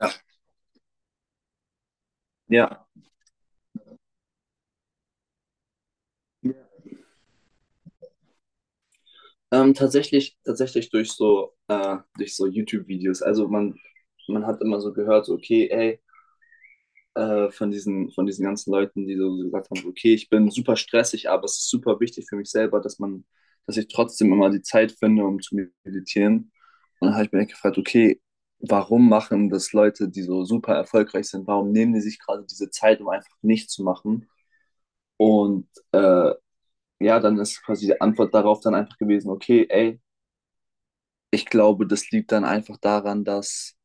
Ja. Ja. Ja. Tatsächlich, tatsächlich durch so YouTube-Videos. Man hat immer so gehört, so, okay, ey, von von diesen ganzen Leuten, die so gesagt haben, so, okay, ich bin super stressig, aber es ist super wichtig für mich selber, dass ich trotzdem immer die Zeit finde, um zu meditieren. Und dann habe ich mir echt gefragt, okay, warum machen das Leute, die so super erfolgreich sind, warum nehmen die sich gerade diese Zeit, um einfach nichts zu machen? Und äh, ja, dann ist quasi die Antwort darauf dann einfach gewesen, okay, ey, ich glaube, das liegt dann einfach daran,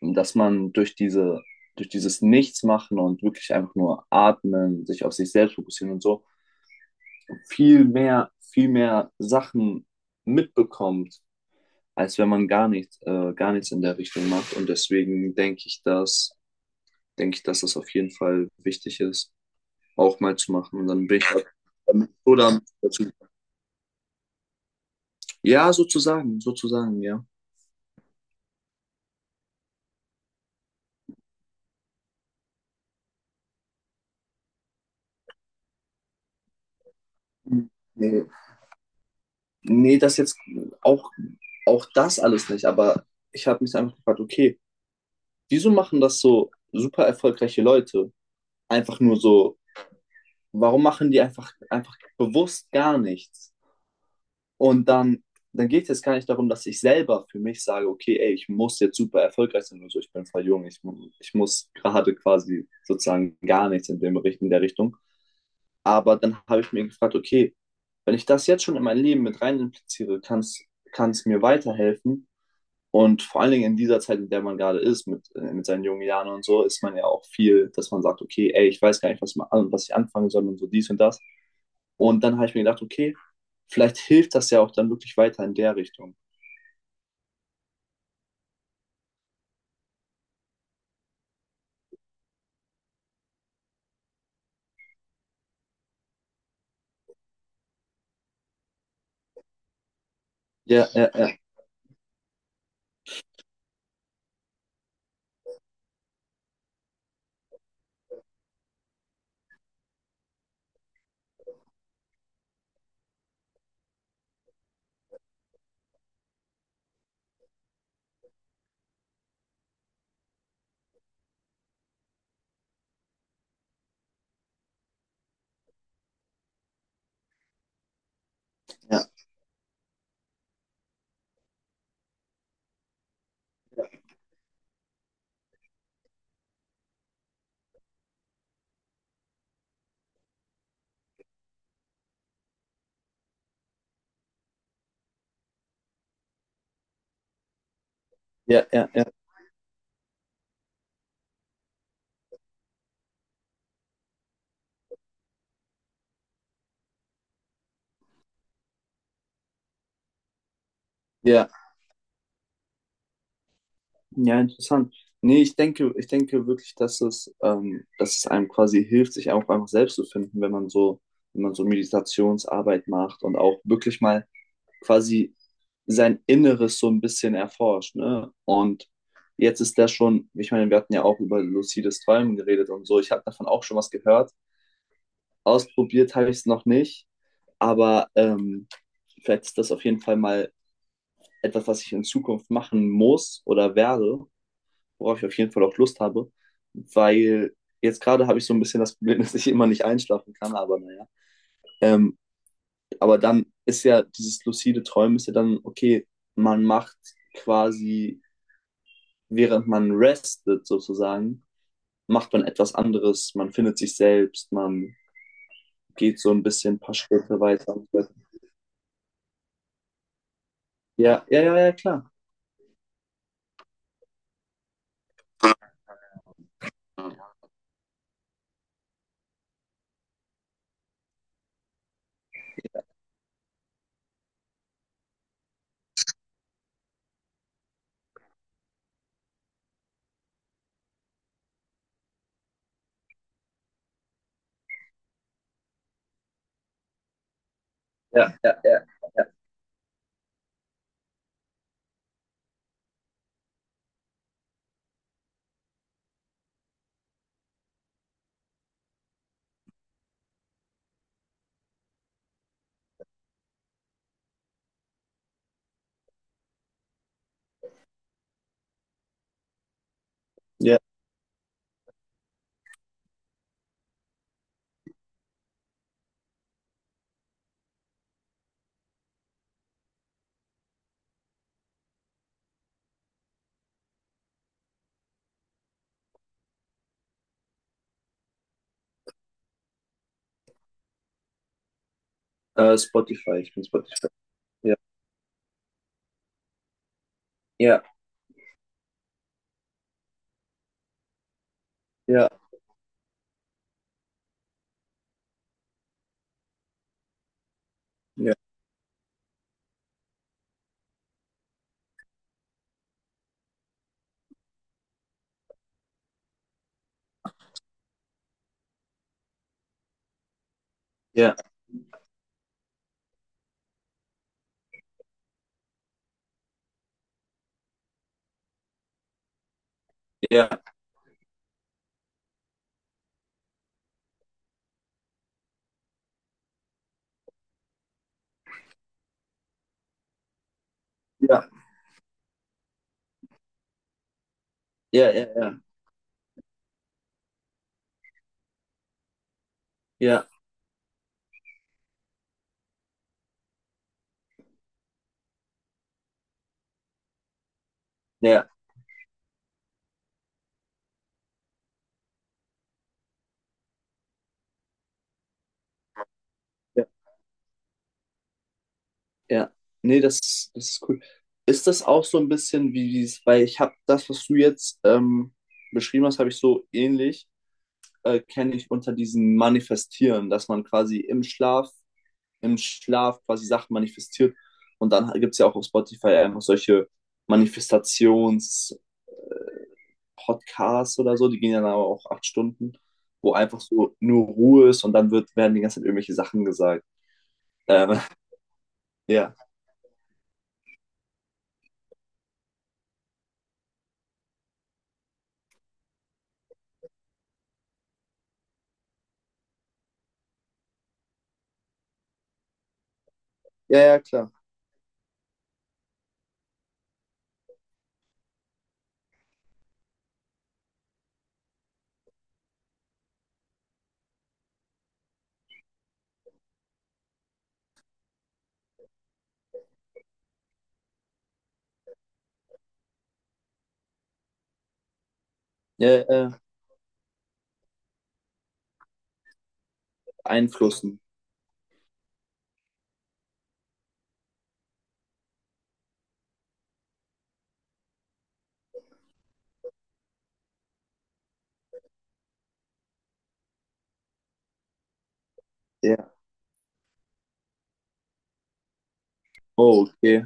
dass man durch durch dieses Nichtsmachen und wirklich einfach nur atmen, sich auf sich selbst fokussieren und so, viel mehr Sachen mitbekommt, als wenn man gar nichts in der Richtung macht. Und deswegen denke ich, dass das auf jeden Fall wichtig ist, auch mal zu machen. Und dann bin ich halt damit- oder dazu. Ja, sozusagen, ja. Nee. Nee, das auch, auch das alles nicht, aber ich habe mich einfach gefragt, okay, wieso machen das so super erfolgreiche Leute? Einfach nur so, warum machen die einfach bewusst gar nichts? Und dann, dann geht es jetzt gar nicht darum, dass ich selber für mich sage, okay, ey, ich muss jetzt super erfolgreich sein oder so, ich bin voll jung, ich muss gerade quasi sozusagen gar nichts in in der Richtung. Aber dann habe ich mir gefragt, okay, wenn ich das jetzt schon in mein Leben mit rein impliziere, kann es mir weiterhelfen. Und vor allen Dingen in dieser Zeit, in der man gerade ist, mit seinen jungen Jahren und so, ist man ja auch viel, dass man sagt, okay, ey, ich weiß gar nicht, was ich anfangen soll und so dies und das. Und dann habe ich mir gedacht, okay, vielleicht hilft das ja auch dann wirklich weiter in der Richtung. Ja, ja, ja, ja, ja, ja, ja, ja, ja, interessant. Nee, ich denke wirklich, dass es einem quasi hilft, sich auch einfach selbst zu finden, wenn man so Meditationsarbeit macht und auch wirklich mal quasi sein Inneres so ein bisschen erforscht. Ne? Und jetzt ist der schon, ich meine, wir hatten ja auch über lucides Träumen geredet und so. Ich habe davon auch schon was gehört. Ausprobiert habe ich es noch nicht, aber vielleicht ist das auf jeden Fall mal etwas, was ich in Zukunft machen muss oder werde, worauf ich auf jeden Fall auch Lust habe, weil jetzt gerade habe ich so ein bisschen das Problem, dass ich immer nicht einschlafen kann, aber naja. Ähm, Aber dann ist ja dieses lucide Träumen ist ja dann, okay, man macht quasi, während man restet sozusagen, macht man etwas anderes, man findet sich selbst, man geht so ein bisschen ein paar Schritte weiter. So. Ja, ja, ja, ja, klar. Ja, ja, ja. Ja, Spotify, ich bin Spotify. Ja, ja, ja, ja, ja, ja, ja, ja, ja, ja, ja, ja, ja. Ja, nee, das, das ist cool. Ist das auch so ein bisschen wie dieses, weil ich habe das, was du jetzt beschrieben hast, habe ich so ähnlich, kenne ich unter diesem Manifestieren, dass man quasi im Schlaf quasi Sachen manifestiert. Und dann gibt es ja auch auf Spotify einfach solche Manifestations-Podcasts oder so, die gehen ja dann aber auch 8 Stunden, wo einfach so nur Ruhe ist und werden die ganze Zeit irgendwelche Sachen gesagt. Ähm, ja, ja, ja, klar. Ja, einflussen. Ja. Einflussen. Oh, okay.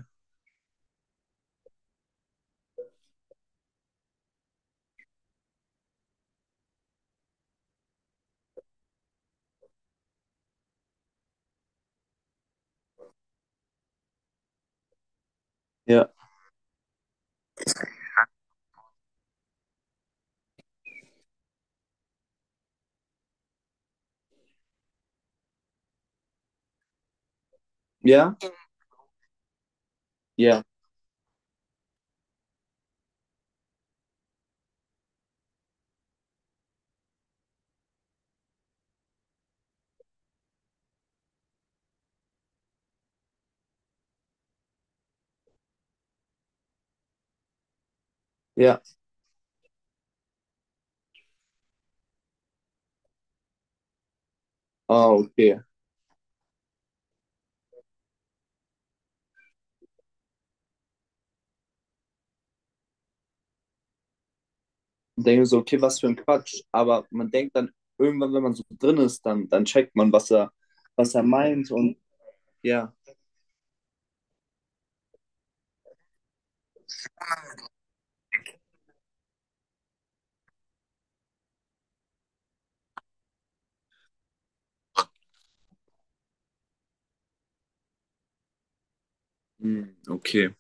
Ja. Ja? Ja. Ja. Ah, okay. Und denke so, okay, was für ein Quatsch. Aber man denkt dann irgendwann, wenn man so drin ist, dann checkt man, was er meint und ja. Hm, okay.